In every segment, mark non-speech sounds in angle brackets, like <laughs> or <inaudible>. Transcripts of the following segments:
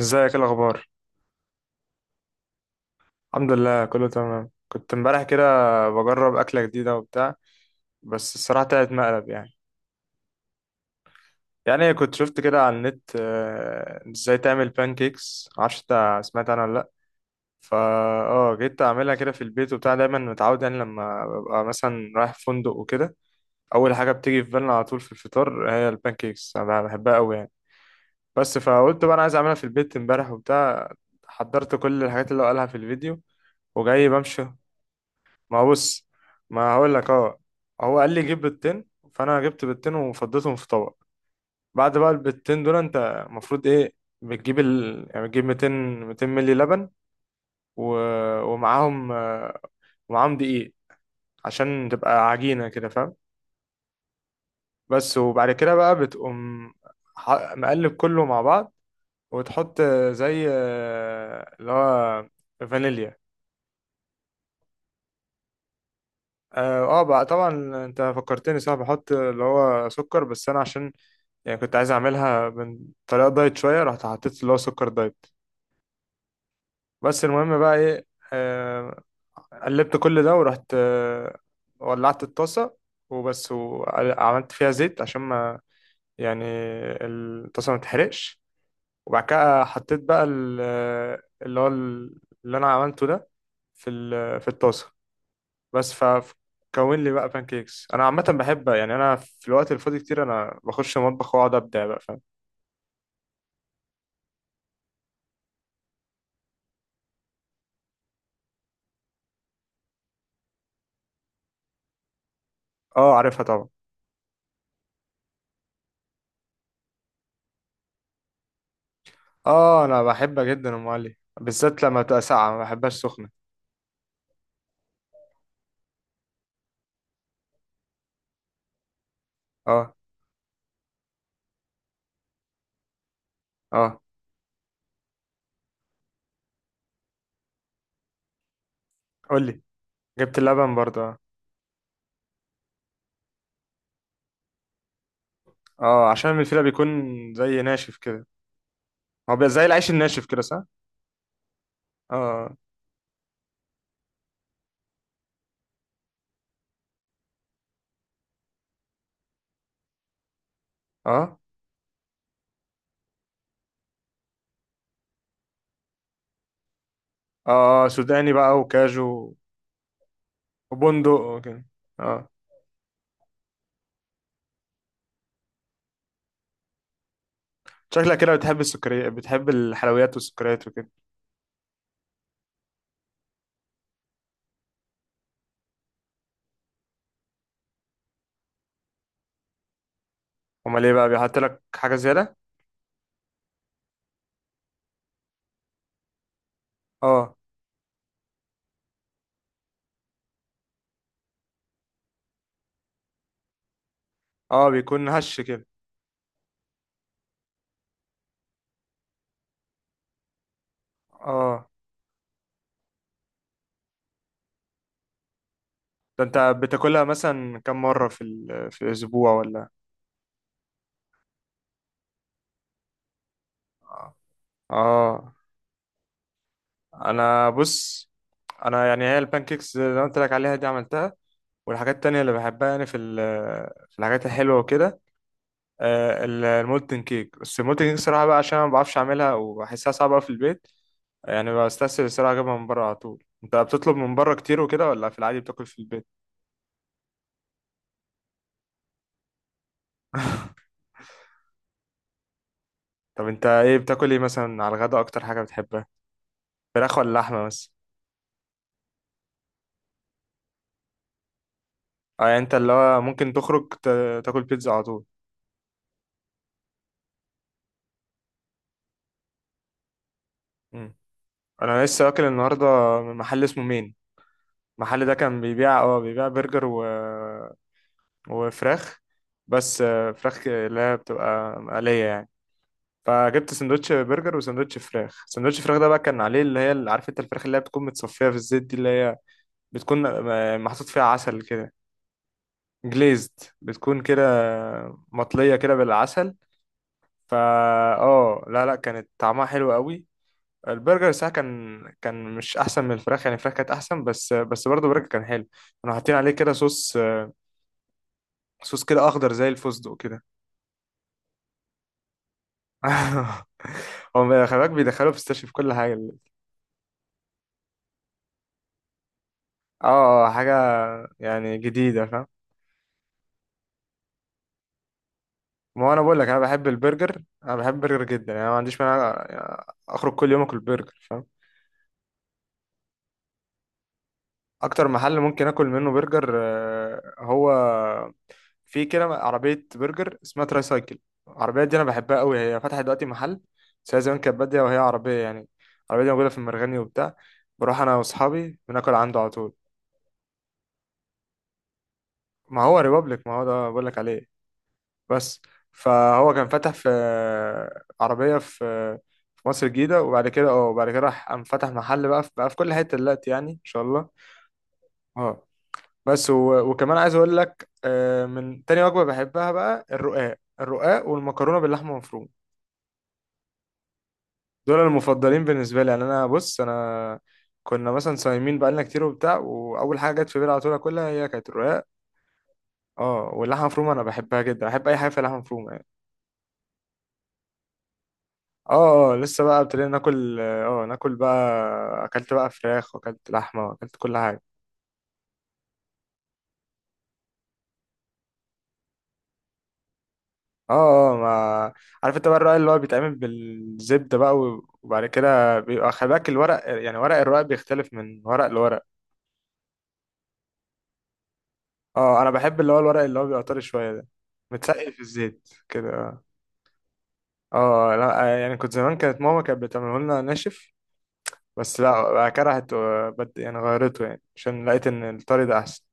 ازيك ايه الاخبار؟ الحمد لله كله تمام. كنت امبارح كده بجرب اكله جديده وبتاع. بس الصراحه طلعت مقلب يعني. يعني كنت شفت كده على النت، ازاي تعمل بانكيكس. معرفش انت سمعت عنها ولا لا؟ فا اه جيت اعملها كده في البيت وبتاع. دايما متعود يعني لما ببقى مثلا رايح فندق وكده، اول حاجه بتيجي في بالنا على طول في الفطار هي البانكيكس. انا بحبها قوي يعني. بس فقلت بقى انا عايز اعملها في البيت امبارح وبتاع. حضرت كل الحاجات اللي هو قالها في الفيديو وجاي بمشي. ما هو بص، ما هقول لك. اه، هو قال لي جيب بيضتين. فانا جبت بيضتين وفضيتهم في طبق. بعد بقى البيضتين دول انت المفروض ايه؟ بتجيب يعني بتجيب 200 مللي لبن و... ومعاهم، ومعاهم دقيق عشان تبقى عجينة كده فاهم. بس وبعد كده بقى بتقوم مقلب كله مع بعض. وتحط، زي، اللي هو فانيليا. اه، بقى طبعا. انت فكرتني صح، بحط اللي هو سكر. بس انا عشان يعني كنت عايز اعملها من طريقه دايت شويه، رحت حطيت اللي هو سكر دايت. بس المهم بقى ايه، آه، قلبت كل ده ورحت، ولعت الطاسه. وبس وعملت فيها زيت عشان ما يعني الطاسه ما تتحرقش. وبعد كده حطيت بقى اللي هو اللي انا عملته ده في في الطاسه. بس فكون لي بقى بانكيكس. انا عامه بحب يعني، انا في الوقت الفاضي كتير انا بخش المطبخ واقعد ابدع بقى فاهم. اه عارفها طبعا. اه انا بحبها جدا ام علي، بالذات لما تبقى ساقعه، ما بحبهاش سخنه. اه اه. قول لي. جبت اللبن برضه اه. عشان الفيلة بيكون زي ناشف كده. هو بيبقى زي العيش الناشف كده صح. اه اه اه، سوداني بقى وكاجو وبندق وكده. اه. شكلك كده بتحب السكريات، بتحب الحلويات والسكريات وكده. امال ايه بقى؟ بيحط لك حاجه زياده. اه اه بيكون هش كده. اه. ده انت بتاكلها مثلا كم مره في في الاسبوع ولا؟ اه. آه. انا بص، انا يعني هي البانكيكس اللي انا قلت لك عليها دي عملتها. والحاجات التانية اللي بحبها يعني، في في الحاجات الحلوة وكده، المولتن كيك. بس المولتن كيك صراحة بقى، عشان أنا ما بعرفش أعملها وبحسها صعبة أوي في البيت، يعني بستسهل الصراحة أجيبها من بره على طول. أنت بتطلب من بره كتير وكده ولا في العادي بتاكل في البيت؟ طب أنت إيه بتاكل إيه مثلا على الغدا، أكتر حاجة بتحبها؟ فراخ ولا لحمة بس؟ أه، يعني أنت اللي هو ممكن تخرج تاكل بيتزا على طول. مم. أنا لسه واكل النهاردة من محل اسمه مين. المحل ده كان بيبيع برجر وفراخ. بس، فراخ اللي هي بتبقى مقلية يعني. فجبت سندوتش برجر وسندوتش فراخ. سندوتش فراخ ده بقى كان عليه اللي هي، اللي عارف انت الفراخ اللي هي بتكون متصفية في الزيت دي، اللي هي بتكون، محطوط فيها عسل كده. جليزد. بتكون كده مطلية كده بالعسل. فا اه لا لا كانت طعمها حلو قوي. البرجر ساعة كان مش احسن من الفراخ يعني، الفراخ كانت احسن. بس برضه البرجر كان حلو. كانوا حاطين عليه كده صوص. صوص كده اخضر زي الفستق كده. <laughs> هو خلي بالك بيدخلوا فيستاشيو في كل حاجه. اه، حاجه يعني جديده فاهم. ما هو انا بقول لك، انا بحب البرجر، انا بحب البرجر جدا يعني. أنا ما عنديش مانع يعني اخرج كل يوم اكل برجر فاهم. اكتر محل ممكن اكل منه برجر، هو في كده عربيه برجر اسمها تراي سايكل. العربيه دي انا بحبها قوي. هي فتحت دلوقتي محل، بس هي زمان كانت باديه وهي عربيه يعني. العربيه دي موجوده في المرغني وبتاع. بروح انا واصحابي بناكل عنده على طول. ما هو ريبابليك، ما هو ده بقول لك عليه. بس فهو كان فتح في عربية في في مصر الجديدة، وبعد كده اه وبعد كده راح قام فتح محل بقى في كل حتة دلوقتي يعني إن شاء الله. اه بس، وكمان عايز أقول لك، من تاني وجبة بحبها بقى الرقاق. الرقاق والمكرونة باللحمة المفرومة، دول المفضلين بالنسبة لي يعني. أنا بص، أنا كنا مثلا صايمين بقالنا كتير وبتاع، وأول حاجة جت في بالي على طول أكلها هي كانت الرقاق. اه واللحمة المفرومة أنا بحبها جدا، بحب أي حاجة فيها لحمة مفرومة. اه اه، لسه بقى ابتدينا ناكل. اه، ناكل بقى اكلت بقى فراخ واكلت لحمه واكلت كل حاجه. اه اه. ما عارف انت بقى الرق اللي هو بيتعمل بالزبده بقى، وبعد كده بيبقى خلي بالك الورق يعني. ورق الرق بيختلف من ورق لورق. اه اه انا بحب اللي هو الورق اللي هو بيبقى طري شويه ده، متسقي في الزيت كده اه. اه لا، يعني كنت زمان كانت ماما كانت بتعمله لنا ناشف، بس لا بقى كرهت وبد يعني غيرته يعني عشان لقيت ان الطري ده احسن.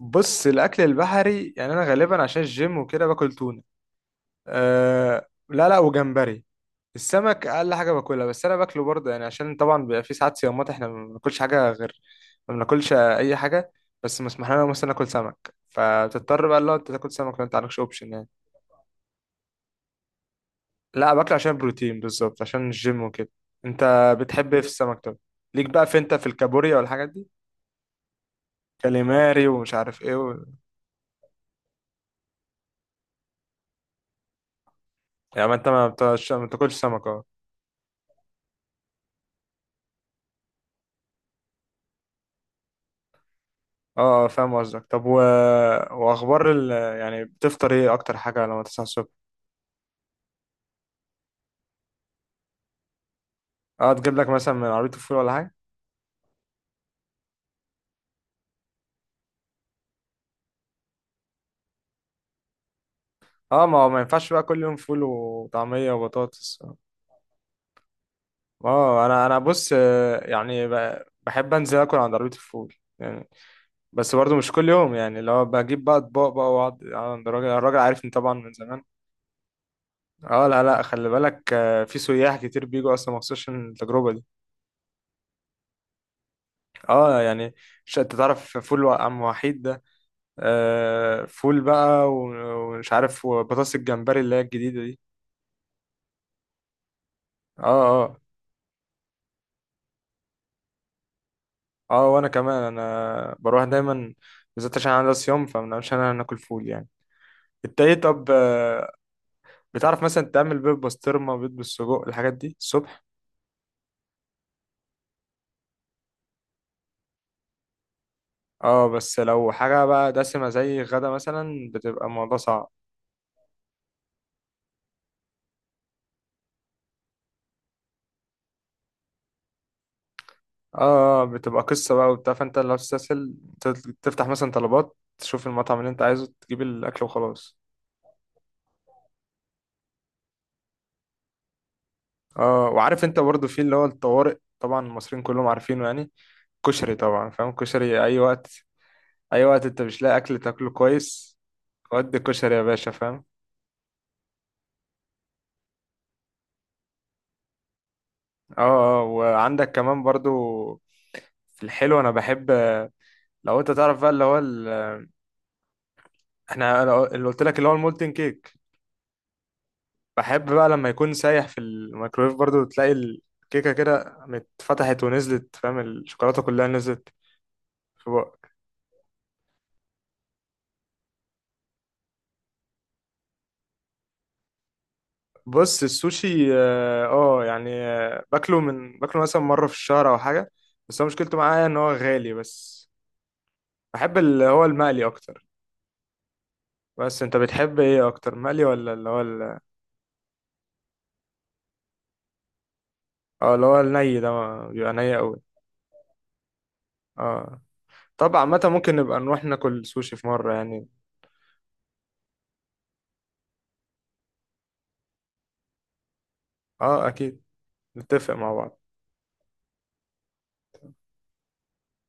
بص الاكل البحري يعني انا غالبا عشان الجيم وكده باكل تونه. أه لا لا وجمبري. السمك اقل حاجه باكلها، بس انا باكله برضه يعني عشان طبعا بيبقى في ساعات صيامات احنا ما بناكلش حاجه غير، ما بناكلش اي حاجه. بس مسموح لنا مثلا ناكل سمك، فبتضطر بقى لو انت تاكل سمك لو انت عندكش اوبشن يعني. لا باكله عشان بروتين بالظبط عشان الجيم وكده. انت بتحب ايه في السمك طب؟ ليك بقى في، انت في الكابوريا والحاجات دي، كاليماري ومش عارف ايه يعني ما انت ما بتاكلش سمك. اه اه فاهم قصدك. طب واخبار يعني بتفطر ايه اكتر حاجه لما تصحى الصبح؟ اه تجيب لك مثلا من عربيه الفول ولا حاجه. اه ما هو ما ينفعش بقى كل يوم فول وطعميه وبطاطس. اه انا بص، يعني بحب انزل اكل عند عربيه الفول يعني. بس برضه مش كل يوم يعني، لو بجيب بقى اطباق بقى واقعد، عند الراجل، الراجل عارفني طبعا من زمان. اه لا لا خلي بالك، في سياح كتير بيجوا اصلا مخصوص عشان التجربه دي. اه يعني مش انت تعرف فول عم وحيد ده، آه فول بقى ومش عارف وبطاطس الجمبري اللي هي الجديدة دي. اه اه اه وانا كمان انا بروح دايما، بالذات عشان انا صيام فمنعرفش انا ناكل فول يعني. انت ايه طب؟ بتعرف مثلا تعمل بيض بسطرمة بيض بالسجق الحاجات دي الصبح؟ اه، بس لو حاجة بقى دسمة زي غدا مثلا، بتبقى الموضوع صعب. اه، بتبقى قصة بقى وبتاع، فانت لو تستسهل تفتح مثلا طلبات تشوف المطعم اللي انت عايزه تجيب الاكل وخلاص. اه وعارف انت برضو في اللي هو الطوارئ، طبعا المصريين كلهم عارفينه يعني، كشري. طبعا فاهم كشري اي وقت، اي وقت انت مش لاقي اكل تاكله كويس، ودي كشري يا باشا فاهم. اه اه وعندك كمان برضو في الحلو انا بحب، لو انت تعرف بقى اللي هو احنا أنا اللي قلت لك اللي هو المولتن كيك. بحب بقى لما يكون سايح في الميكرويف برضو، تلاقي الكيكه كده اتفتحت ونزلت فاهم، الشوكولاته كلها نزلت. في بقك. بص السوشي اه، يعني، باكله باكله مثلا مرة في الشهر او حاجة. بس هو مشكلته معايا ان هو غالي بس. بحب اللي هو المقلي اكتر. بس انت بتحب ايه اكتر، مقلي ولا اللي هو اه اللي هو الني ده بيبقى ني قوي. اه طبعا متى ممكن نبقى نروح ناكل سوشي في مرة يعني. اه اكيد نتفق مع بعض.